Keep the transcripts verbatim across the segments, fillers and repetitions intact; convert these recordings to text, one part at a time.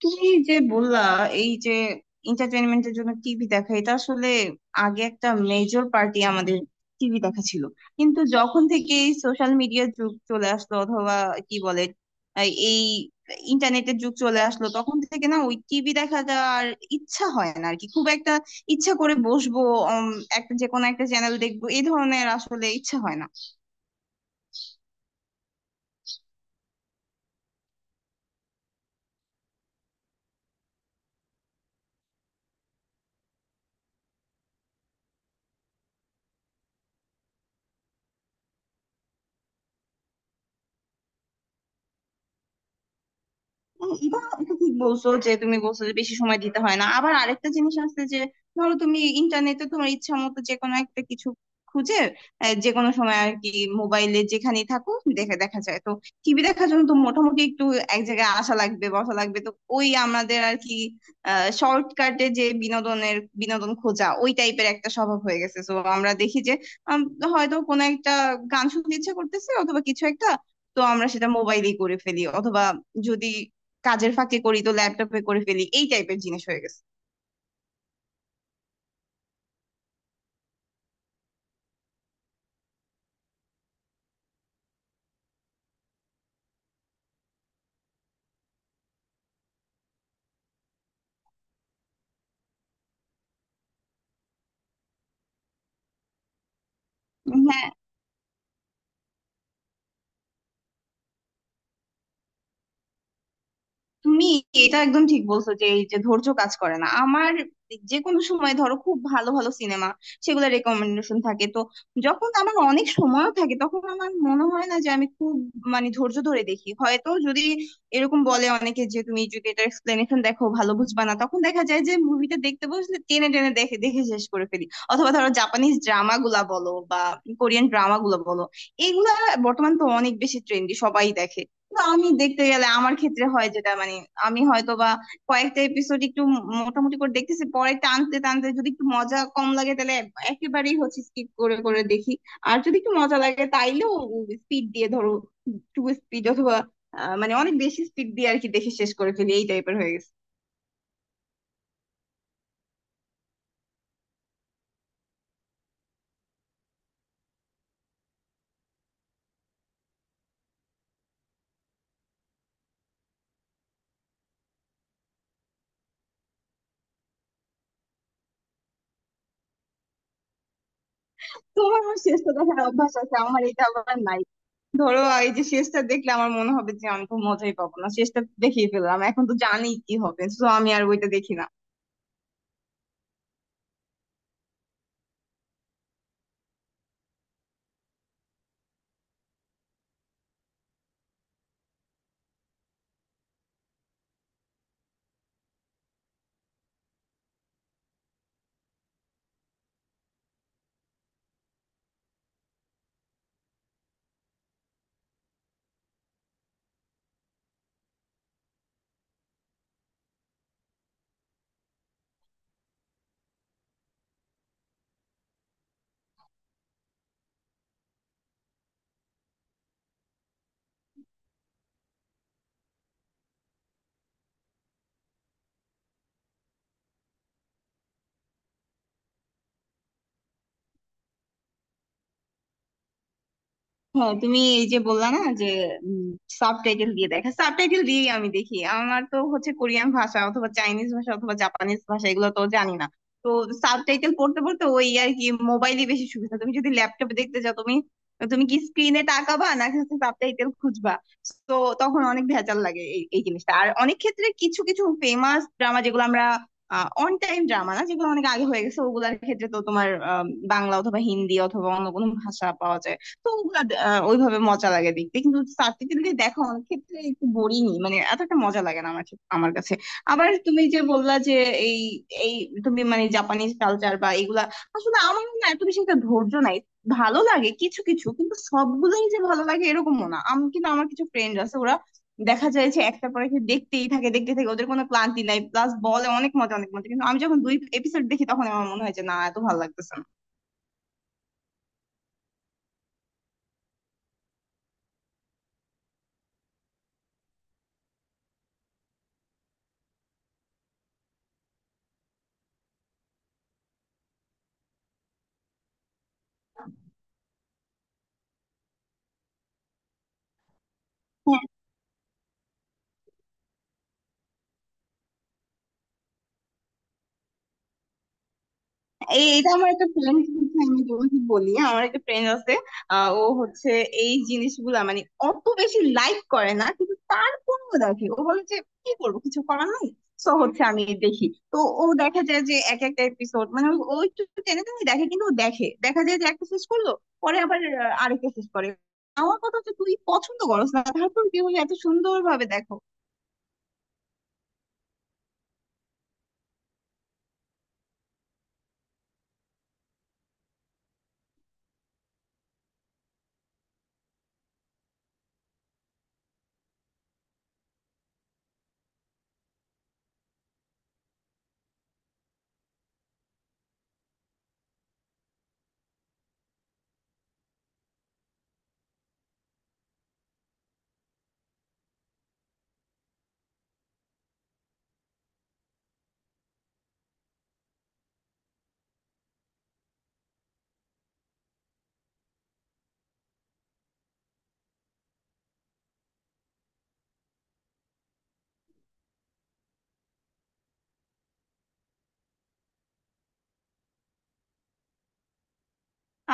কি যে বললা! এই যে এন্টারটেনমেন্টের জন্য টিভি দেখা, এটা আসলে আগে একটা মেজর পার্টি আমাদের টিভি দেখা ছিল। কিন্তু যখন থেকে সোশ্যাল মিডিয়ার যুগ চলে আসলো, অথবা কি বলে, আহ, এই ইন্টারনেটের যুগ চলে আসলো, তখন থেকে না ওই টিভি দেখাটা আর ইচ্ছা হয় না আর কি। খুব একটা ইচ্ছা করে বসবো উম, একটা, যে কোনো একটা চ্যানেল দেখবো, এই ধরনের আসলে ইচ্ছা হয় না। হ্যাঁ, এটা এটা ঠিক বলছো, যে তুমি বলছো যে বেশি সময় দিতে হয় না। আবার আরেকটা জিনিস আছে যে ধরো তুমি ইন্টারনেটে তোমার ইচ্ছা মতো যে কোনো একটা কিছু খুঁজে আহ, যে কোনো সময় আর কি, মোবাইলে যেখানেই থাকো দেখে দেখা যায় তো। টিভি দেখার জন্য তো মোটামুটি একটু এক জায়গায় আসা লাগবে, বসা লাগবে তো। ওই আমাদের আর কি, আহ শর্টকাটে যে বিনোদনের বিনোদন খোঁজা ওই টাইপের একটা স্বভাব হয়ে গেছে, তো আমরা দেখি যে আম, হয়তো কোনো একটা গান শুনতে ইচ্ছা করতেছে অথবা কিছু একটা। তো আমরা সেটা মোবাইলেই করে ফেলি, অথবা যদি কাজের ফাঁকে করি তো ল্যাপটপে করে ফেলি, এই টাইপের জিনিস হয়ে গেছে। হ্যাঁ, তুমি এটা একদম ঠিক বলছো, যে এই যে ধৈর্য কাজ করে না আমার। যে কোনো সময় ধরো খুব ভালো ভালো সিনেমা, সেগুলো রেকমেন্ডেশন থাকে তো, যখন আমার অনেক সময় থাকে তখন আমার মনে হয় না যে আমি খুব, মানে ধৈর্য ধরে দেখি হয়তো। যদি এরকম বলে অনেকে যে তুমি যদি এটা এক্সপ্লেনেশন দেখো ভালো বুঝবা না, তখন দেখা যায় যে মুভিটা দেখতে বসলে টেনে টেনে দেখে দেখে শেষ করে ফেলি। অথবা ধরো জাপানিজ ড্রামা গুলা বলো বা কোরিয়ান ড্রামা গুলা বলো, এইগুলা বর্তমান তো অনেক বেশি ট্রেন্ডি, সবাই দেখে। না, আমি দেখতে গেলে আমার ক্ষেত্রে হয় যেটা, মানে আমি হয়তো বা কয়েকটা এপিসোড একটু ম- মোটামুটি করে দেখতেছি, পরে টানতে টানতে যদি একটু মজা কম লাগে তাহলে একেবারেই হচ্ছে স্কিপ করে করে দেখি। আর যদি একটু মজা লাগে তাইলেও স্পিড দিয়ে, ধরো টু স্পিড, অথবা আহ, মানে অনেক বেশি স্পিড দিয়ে আর কি দেখে শেষ করে ফেলি, এই টাইপের হয়ে গেছে। তোমার আমার শেষটা দেখার অভ্যাস আছে, আমার এটা আবার নাই। ধরো, এই যে শেষটা দেখলে আমার মনে হবে যে আমি তো মজাই পাবো না, শেষটা দেখিয়ে ফেললাম, এখন তো জানি কি হবে, তো আমি আর ওইটা দেখি না। হ্যাঁ, তুমি এই যে বললা না যে সাবটাইটেল দিয়ে দেখা, সাবটাইটেল দিয়েই আমি দেখি। আমার তো হচ্ছে কোরিয়ান ভাষা অথবা চাইনিজ ভাষা অথবা জাপানিজ ভাষা, এগুলো তো জানি না। তো সাবটাইটেল পড়তে পড়তে ওই আর কি, মোবাইলে বেশি সুবিধা। তুমি যদি ল্যাপটপে দেখতে যাও, তুমি তুমি কি স্ক্রিনে তাকাবা, নাকি হচ্ছে সাবটাইটেল খুঁজবা? তো তখন অনেক ভেজাল লাগে এই এই জিনিসটা। আর অনেক ক্ষেত্রে কিছু কিছু ফেমাস ড্রামা যেগুলো আমরা, অন টাইম ড্রামা না, যেগুলো অনেক আগে হয়ে গেছে, ওগুলোর ক্ষেত্রে তো তোমার আহ, বাংলা অথবা হিন্দি অথবা অন্য কোনো ভাষা পাওয়া যায়। তো ওগুলা দে- আহ, ওইভাবে মজা লাগে দেখতে, কিন্তু সার্টিফিকেট দিয়ে দেখা অনেক ক্ষেত্রে একটু বোরিংই, মানে এত একটা মজা লাগে না আমার ঠিক- আমার কাছে। আবার তুমি যে বললা যে এই, এই তুমি মানে জাপানিজ কালচার বা এগুলা, আসলে আমার না এত বেশি একটা ধৈর্য নাই। ভালো লাগে কিছু কিছু, কিন্তু সবগুলোই যে ভালো লাগে এরকমও না। আমি কিন্তু, আমার কিছু ফ্রেন্ড আছে, ওরা দেখা যায় যে একটা পরে একটা দেখতেই থাকে দেখতেই থাকে, ওদের কোনো ক্লান্তি নাই, প্লাস বলে অনেক মজা অনেক মজা। কিন্তু আমি যখন দুই এপিসোড দেখি তখন আমার মনে হয় যে না, এত ভালো লাগতেছে না। এই এটা আমার একটা ফ্রেন্ড, আমি তোমাকে বলি, আমার একটা ফ্রেন্ড আছে। আহ, ও হচ্ছে এই জিনিসগুলা মানে অত বেশি লাইক করে না, কিন্তু তারপরেও দেখে। ও বলে যে কি করবো, কিছু করার নাই, তো হচ্ছে আমি দেখি। তো ও দেখা যায় যে এক একটা এপিসোড, মানে ও ও একটু টেনে টেনে দেখে, কিন্তু ও দেখে দেখা যায় যে একটা শেষ করলো, পরে আবার আহ, আরেকটা শেষ করে। আমার কথা হচ্ছে তুই পছন্দ করস না, তারপর কি বলে এত সুন্দর ভাবে দেখো?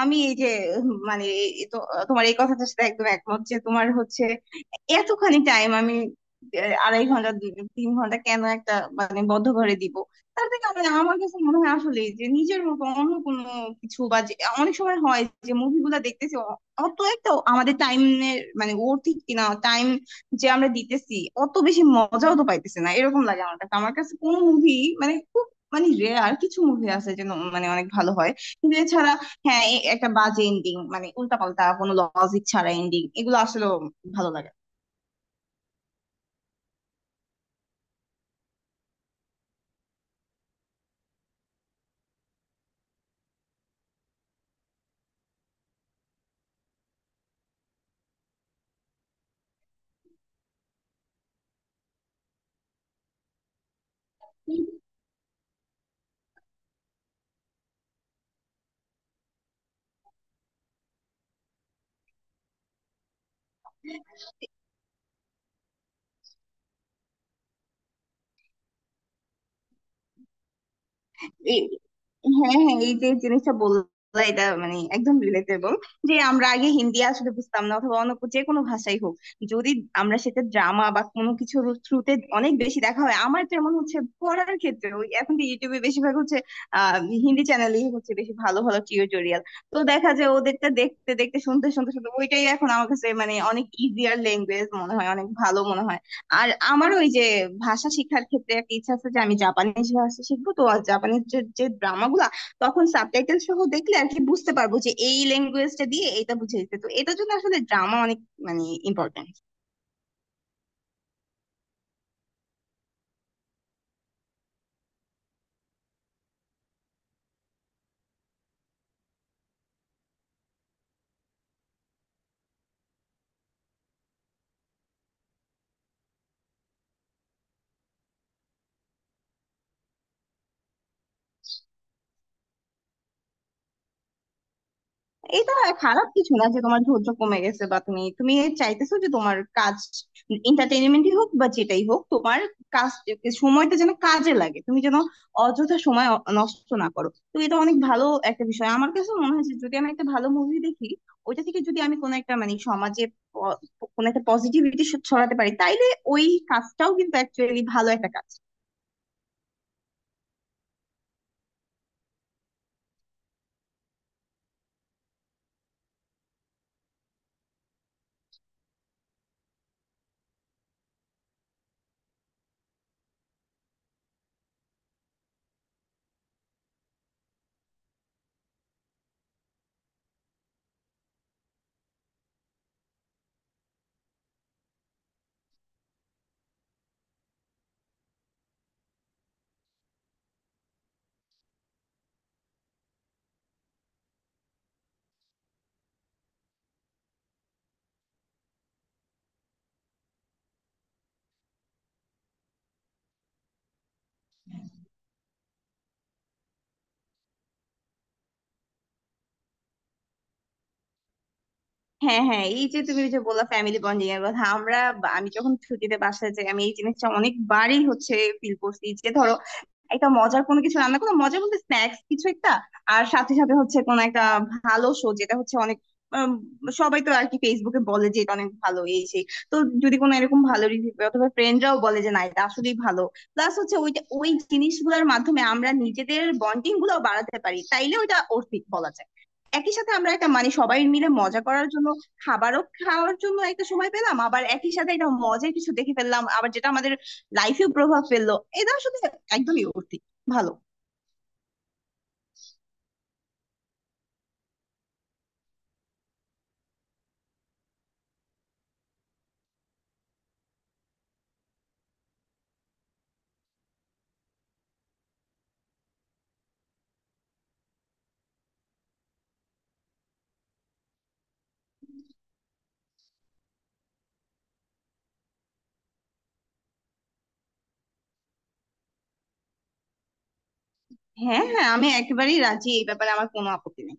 আমি এই যে উম, মানে এই তো- তোমার এই কথাটার সাথে একদম একমত, যে তোমার হচ্ছে এতখানি টাইম আমি আহ, আড়াই ঘন্টা দুই- তিন ঘন্টা কেন একটা মানে বদ্ধ ঘরে দিব। তার থেকে আমি- আমার কাছে মনে হয় আসলে যে নিজের মতো অন্য কোনো কিছু, বা যে- অনেক সময় হয় যে মুভিগুলা দেখতেছি অ- অত একটা আমাদের টাইমের, মানে ঠিক কিনা টাইম যে আমরা দিতেছি অত বেশি মজাও তো পাইতেছে না, এরকম লাগে আমার কাছে। আমার কাছে কোনো মুভি, মানে খুব, মানে রেয়ার কিছু মুভি আছে যেন মানে অনেক ভালো হয়, কিন্তু এছাড়া হ্যাঁ, এ- একটা বাজে এন্ডিং, মানে উল্টাপাল্টা কোনো লজিক ছাড়া এন্ডিং, এগুলো আসলে ভালো লাগে না। এই, হ্যাঁ হ্যাঁ, এই যে জিনিসটা বললা, এটা মানে একদম রিলেটেবল। যে আমরা আগে হিন্দি আসলে বুঝতাম না, অথবা অন্য যে কোনো ভাষাই হোক, যদি আমরা সেটা ড্রামা বা কোনো কিছুর থ্রুতে অনেক বেশি দেখা হয়। আমার যেমন হচ্ছে পড়ার ক্ষেত্রে, ওই এখন তো ইউটিউবে বেশিরভাগ হচ্ছে আহ হিন্দি চ্যানেলই, হচ্ছে বেশি ভালো ভালো টিউটোরিয়াল। তো দেখা যায় ওদেরটা দেখতে দেখতে শুনতে শুনতে শুনতে ওইটাই এখন আমার কাছে মানে অনেক ইজিয়ার ল্যাঙ্গুয়েজ মনে হয়, অনেক ভালো মনে হয়। আর আমার ওই যে ভাষা শিক্ষার ক্ষেত্রে একটা ইচ্ছা আছে, যে আমি জাপানিজ ভাষা শিখবো। তো আর জাপানিজ যে ড্রামা গুলা, তখন সাবটাইটেল সহ দেখলে আর কি বুঝতে পারবো যে এই ল্যাঙ্গুয়েজটা দিয়ে এটা বুঝাইছে, তো এটার জন্য আসলে ড্রামা অনেক, মানে ইম্পর্টেন্ট। এটা খারাপ কিছু না যে তোমার ধৈর্য কমে গেছে, বা তুমি তুমি চাইতেছো যে তোমার কাজ, এন্টারটেইনমেন্টই হোক বা যেটাই হোক, তোমার কাজ সময়টা যেন কাজে লাগে, তুমি যেন অযথা সময় অ- নষ্ট না করো। তো এটা অনেক ভালো একটা বিষয় আমার কাছে মনে হয়, যে যদি আমি একটা ভালো মুভি দেখি, ওইটা থেকে যদি আমি কোনো একটা মানে সমাজে প- কোনো একটা পজিটিভিটি ছড়াতে পারি, তাইলে ওই কাজটাও কিন্তু অ্যাকচুয়ালি ভালো একটা কাজ। হ্যাঁ হ্যাঁ, এই যে তুমি ওই যে বললা ফ্যামিলি বন্ডিং এর কথা, আমরা বা- আমি যখন ছুটিতে বাসায় যাই, আমি এই জিনিসটা অনেকবারই হচ্ছে ফিল করছি, যে ধরো একটা মজার কোনো কিছু রান্না করলাম, মজা বলতে স্ন্যাক্স কিছু একটা। আর সাথে সাথে হচ্ছে কোন একটা ভালো শো, যেটা হচ্ছে অনেক, উম, সবাই তো আর কি ফেসবুকে বলে যে এটা অনেক ভালো, এই সেই। তো যদি কোনো এরকম ভালো রিভিউ, অথবা ফ্রেন্ডরাও বলে যে না এটা আসলেই ভালো, প্লাস হচ্ছে ওইটা, ওই জিনিসগুলোর মাধ্যমে আমরা নিজেদের বন্ডিং গুলো বাড়াতে পারি, তাইলে ওইটা অর্থিক বলা যায়। একই সাথে আমরা একটা, মানে সবাই মিলে মজা করার জন্য, খাবারও খাওয়ার জন্য একটা সময় পেলাম, আবার একই সাথে একটা মজার কিছু দেখে ফেললাম আবার, যেটা আমাদের লাইফেও প্রভাব ফেললো, এটা আসলে একদমই অতি ভালো। হ্যাঁ হ্যাঁ, আমি একেবারেই রাজি, এই ব্যাপারে আমার কোনো আপত্তি নেই।